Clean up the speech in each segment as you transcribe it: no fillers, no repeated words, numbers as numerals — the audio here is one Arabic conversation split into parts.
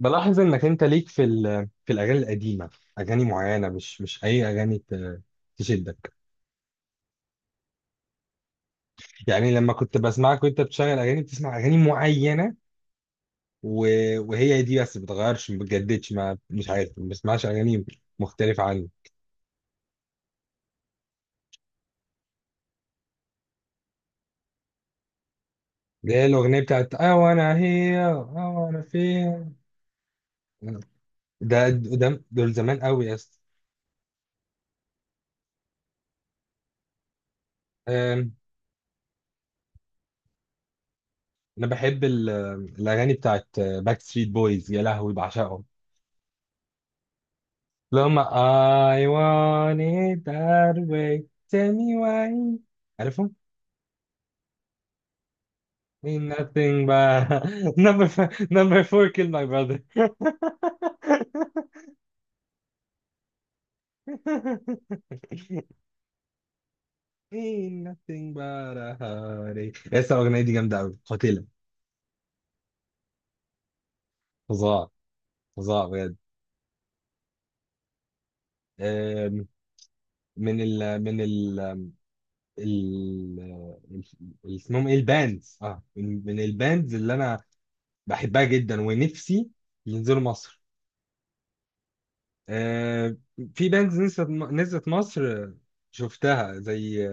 بلاحظ انك انت ليك في في الاغاني القديمه، اغاني معينه مش اي اغاني تشدك. يعني لما كنت بسمعك وانت بتشغل اغاني بتسمع اغاني معينه وهي دي بس بتغيرش، ما بتجددش، ما مش عارف، ما بسمعش اغاني مختلفه عني. اللي هي الاغنيه بتاعت I wanna hear I wanna feel. ده دول زمان قوي يا اسطى. أم، انا بحب الاغاني بتاعت باك ستريت بويز، يا لهوي بعشقهم. اللي هم I want it that way، tell me why. عارفهم؟ Ain't nothing but number four, number four killed my brother Ain't nothing but a heartache. لسه الأغنية دي جامدة أوي قاتلة. فظاع، فظاع بجد. آم، من ال من ال ال ال- اسمهم ايه الباندز؟ اه، من الباندز اللي انا بحبها جدا ونفسي ينزلوا مصر. آه، في بانز نزلت مصر، شفتها، زي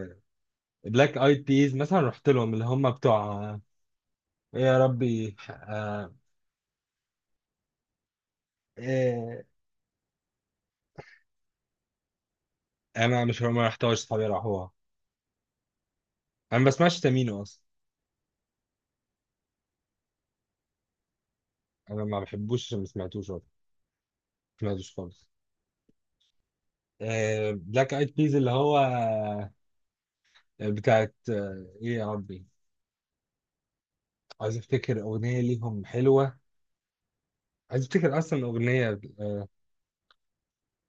بلاك ايد بيز مثلا، رحت لهم. اللي هم بتوع ايه يا ربي؟ إيه. انا مش، ما رحتهاش، صحابي راحوها. انا ما بسمعش تامينو اصلا. انا ما بحبوش عشان ما سمعتوش أصلاً. ما سمعتوش خالص. آه بلاك ايد بيز اللي هو بتاعت ايه يا ربي، عايز افتكر اغنيه ليهم حلوه، عايز افتكر اصلا اغنيه. آه،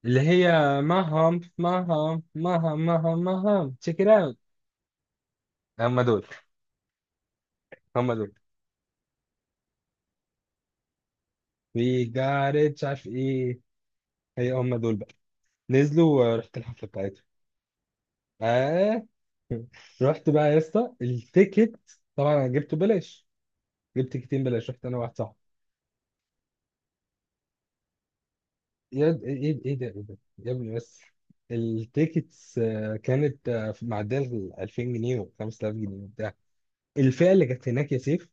اللي هي مهم مهم مهم مهم مهم تشيك ات. هم دول، هم دول. وي جات ات، مش عارف ايه. هي هم دول بقى، نزلوا ورحت الحفله بتاعتهم. اه. رحت بقى يا اسطى التيكت. طبعا انا جبته بلاش، جبت تيكتين بلاش، رحت انا واحد صاحبي. ايه ده، ايه ده يا ابني بس. التيكتس كانت معديه ال 2000 جنيه و 5000 جنيه وبتاع. الفئه اللي كانت هناك يا سيف.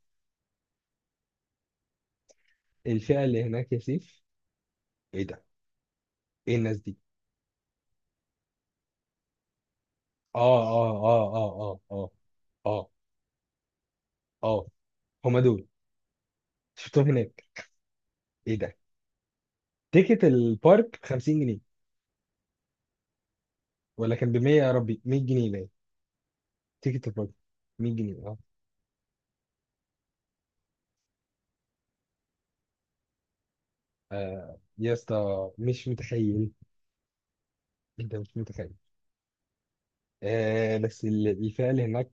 الفئه اللي هناك يا سيف! ايه ده، ايه الناس دي؟ اه، اه، اه، اه، اه، اه، اه، اه. هم دول، شفتهم هناك. ايه ده؟ تيكت البارك ب 50 جنيه، ولا كان ب 100، يا ربي، 100 جنيه باين تيكت البارك. 100 جنيه اه. يا اسطى مش متخيل، انت مش متخيل. آه بس الفئه اللي هناك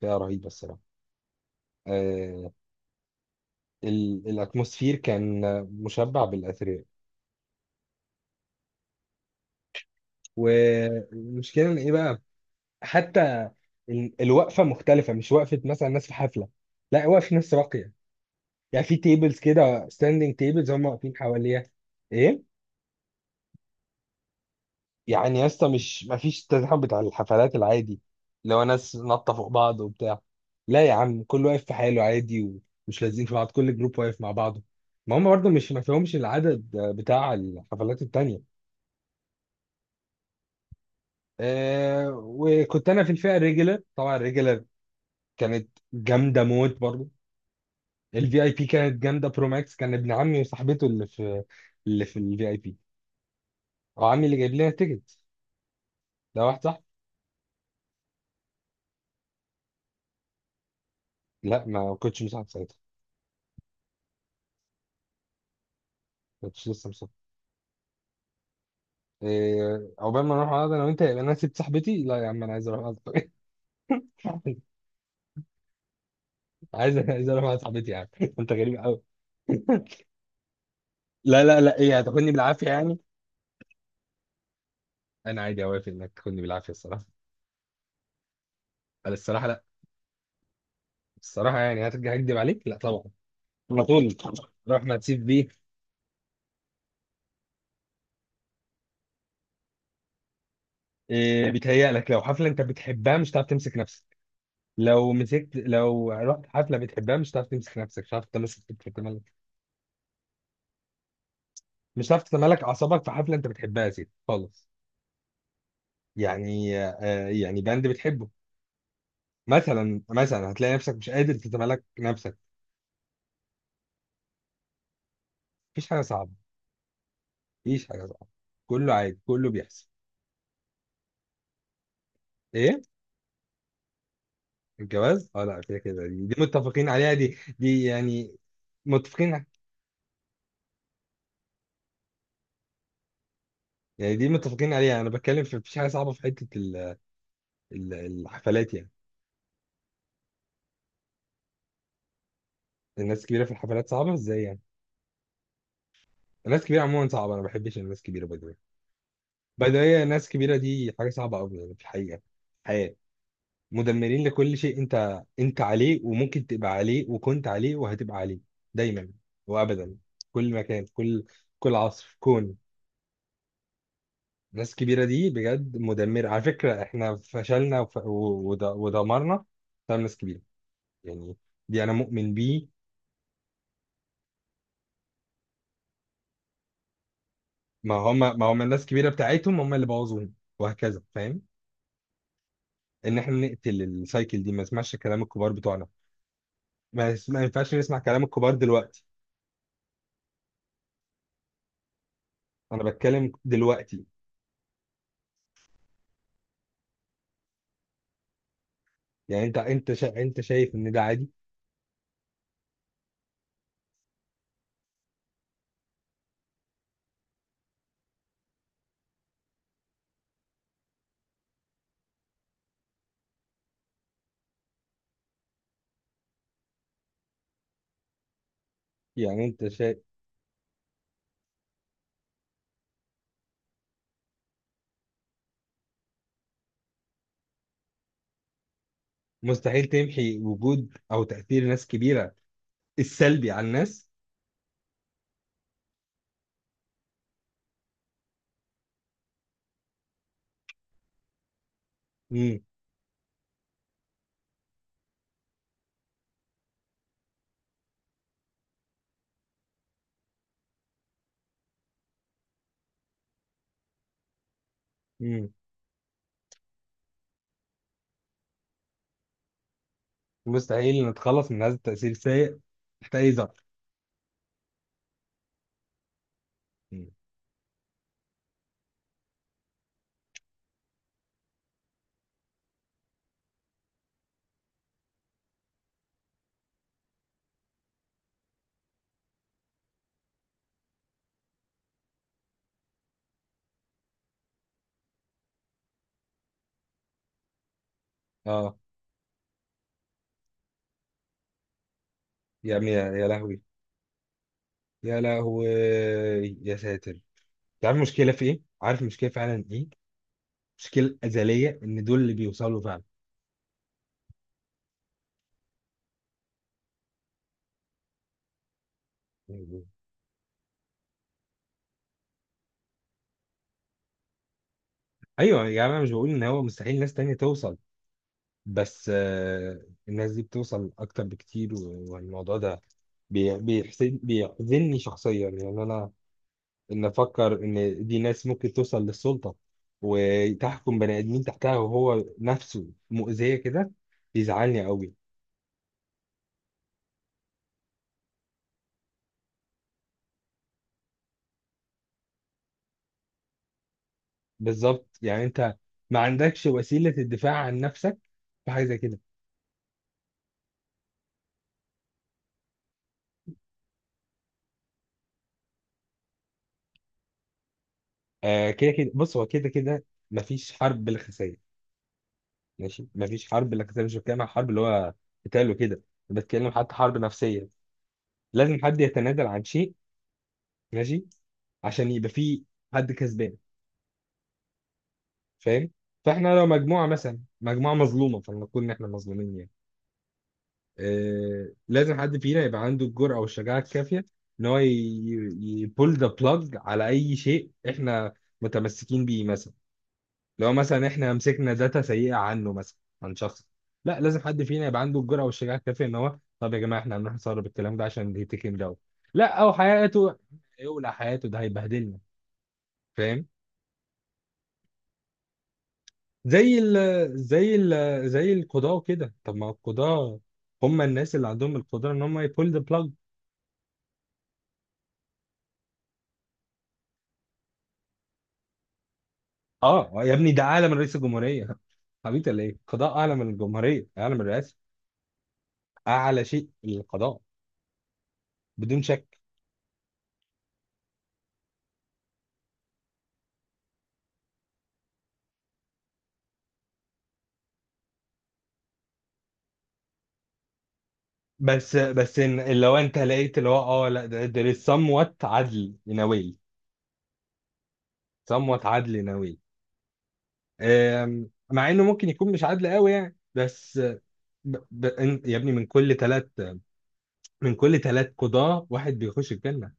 فئه رهيبه الصراحه. آه. الاتموسفير كان مشبع بالاثرياء. والمشكله ان ايه بقى؟ حتى الوقفه مختلفه، مش وقفه مثلا ناس في حفله، لا، وقفه ناس راقيه. يعني في تيبلز كده، ستاندنج تيبلز هم واقفين حواليها. ايه يعني يا اسطى؟ مش، مفيش التزاحم بتاع الحفلات العادي اللي هو ناس نطة فوق بعض وبتاع. لا يا عم، كل واقف في حاله عادي، ومش لازقين في بعض، كل جروب واقف مع بعضه. ما هم برضه مش، ما فيهمش العدد بتاع الحفلات التانية. آه، وكنت انا في الفئة الريجلر، طبعا الريجلر كانت جامدة موت برضه. الفي اي بي كانت جامدة برو ماكس. كان ابن عمي وصاحبته اللي في الفي اي بي، وعمي اللي جايب لنا تيكت. ده واحد صح. لا، ما كنتش مساعد ساعتها، ما كنتش لسه مساعد. إيه، عقبال ما نروح قعده انا وانت، يبقى انا سيب صاحبتي؟ لا يا عم، انا عايز اروح قعده عايز اروح قعده صاحبتي يا عم انت غريب قوي. لا لا لا، ايه، هتاخدني بالعافيه يعني؟ انا عادي اوافق انك تاخدني بالعافيه الصراحه. انا الصراحه لا. الصراحه يعني هترجع اكدب عليك؟ لا طبعا، على طول، روح ما تسيب بيه. إيه بيتهيألك؟ لو حفله انت بتحبها مش هتعرف تمسك نفسك. لو مسكت، لو رحت حفله بتحبها مش هتعرف تمسك نفسك، مش هتعرف تمسك تتملك، مش هتعرف تتملك اعصابك في حفله انت بتحبها يا سيدي خالص. يعني يعني باند بتحبه مثلا، مثلا هتلاقي نفسك مش قادر تتملك نفسك. مفيش حاجه صعبه، مفيش حاجه صعبه، كله عادي، كله بيحصل. ايه؟ الجواز، اه. لا كده كده دي متفقين عليها، دي يعني. متفقين. يعني دي متفقين عليها، انا بتكلم في مفيش حاجه صعبه في حته الحفلات يعني. الناس الكبيره في الحفلات صعبه ازاي يعني؟ الناس الكبيره عموما صعبه، انا ما بحبش الناس الكبيره، باي ذا، الناس الكبيره دي حاجه صعبه قوي يعني في الحقيقه، الحياه. مدمرين لكل شيء انت، عليه، وممكن تبقى عليه وكنت عليه وهتبقى عليه دايما وابدا، كل مكان، كل عصر، في كون. الناس الكبيره دي بجد مدمره على فكره. احنا فشلنا ودمرنا بسبب ناس كبيره يعني. دي انا مؤمن بيه. ما هم الناس الكبيره بتاعتهم هم اللي بوظوهم، وهكذا. فاهم؟ ان احنا نقتل السايكل دي، ما نسمعش كلام الكبار بتوعنا. ما ينفعش نسمع كلام الكبار دلوقتي. انا بتكلم دلوقتي. يعني انت شايف ان ده عادي؟ يعني انت شايف مستحيل تمحي وجود او تاثير ناس كبيره السلبي على الناس. امم، امم. مستحيل نتخلص من هذا التاثير السيء تحت اي ظرف. مم. اه. يا عمي، يا لهوي، يا لهوي، يا ساتر. انت عارف المشكله في ايه؟ عارف المشكله فعلا ايه؟ مشكله ازليه ان دول اللي بيوصلوا فعلا. مم. ايوه يا عم، انا مش بقول ان هو مستحيل ناس تانية توصل، بس آه الناس دي بتوصل اكتر بكتير. والموضوع ده بيحسد، بيحزنني شخصيا يعني، انا ان افكر ان دي ناس ممكن توصل للسلطه وتحكم بني ادمين تحتها وهو نفسه مؤذيه كده، بيزعلني قوي. بالظبط، يعني انت ما عندكش وسيله الدفاع عن نفسك في حاجه زي كده. آه كده كده، بص هو كده كده، مفيش حرب بلا خسائر. ماشي، مفيش حرب بلا خسائر. مش بتكلم عن حرب اللي هو قتال وكده، بتكلم حتى حرب نفسيه. لازم حد يتنازل عن شيء، ماشي، عشان يبقى فيه حد كسبان. فاهم؟ فاحنا لو مجموعه مثلا، مجموعه مظلومه، فلنقول ان احنا مظلومين يعني، آه لازم حد فينا يبقى عنده الجرأه والشجاعه الكافيه ان هو يبول ذا بلاج على اي شيء احنا متمسكين بيه مثلا. لو مثلا احنا مسكنا داتا سيئه عنه، مثلا عن شخص، لا، لازم حد فينا يبقى عنده الجرأه والشجاعه الكافيه ان هو، طب يا جماعه احنا هنروح نسرب الكلام ده عشان يتكلم ده. لا، او حياته، يولع حياته، ده هيبهدلنا. فاهم؟ زي ال زي ال زي القضاء كده. طب ما القضاء هم الناس اللي عندهم القدرة ان هم يبول ذا بلاج. اه يا ابني، ده اعلى من رئيس الجمهورية حبيبي. ليه؟ القضاء اعلى من الجمهورية، اعلى من الرئاسة. اعلى شيء القضاء بدون شك. بس إن لو انت لقيت اللي هو، اه لا، ده ده somewhat عدل in a way. somewhat عدل in a way، مع انه ممكن يكون مش عدل قوي يعني، بس. يا ابني، من كل ثلاث قضاة واحد بيخش الجنة.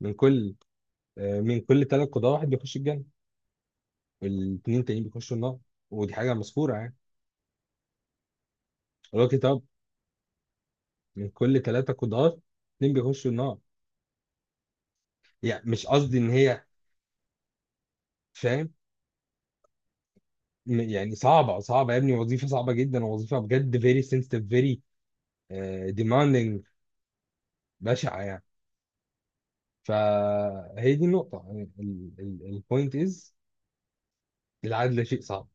من كل من كل ثلاث قضاة واحد بيخش الجنة، والاثنين التانيين بيخشوا النار. ودي حاجة مذكورة يعني، اللي هو كتاب. من كل ثلاثة قضاة اتنين بيخشوا النار. يعني مش قصدي إن هي. فاهم؟ يعني صعبة، صعبة يا ابني، وظيفة صعبة جدا، وظيفة بجد very sensitive، very demanding، بشعة يعني. فهي دي النقطة يعني. البوينت از، العدل شيء صعب.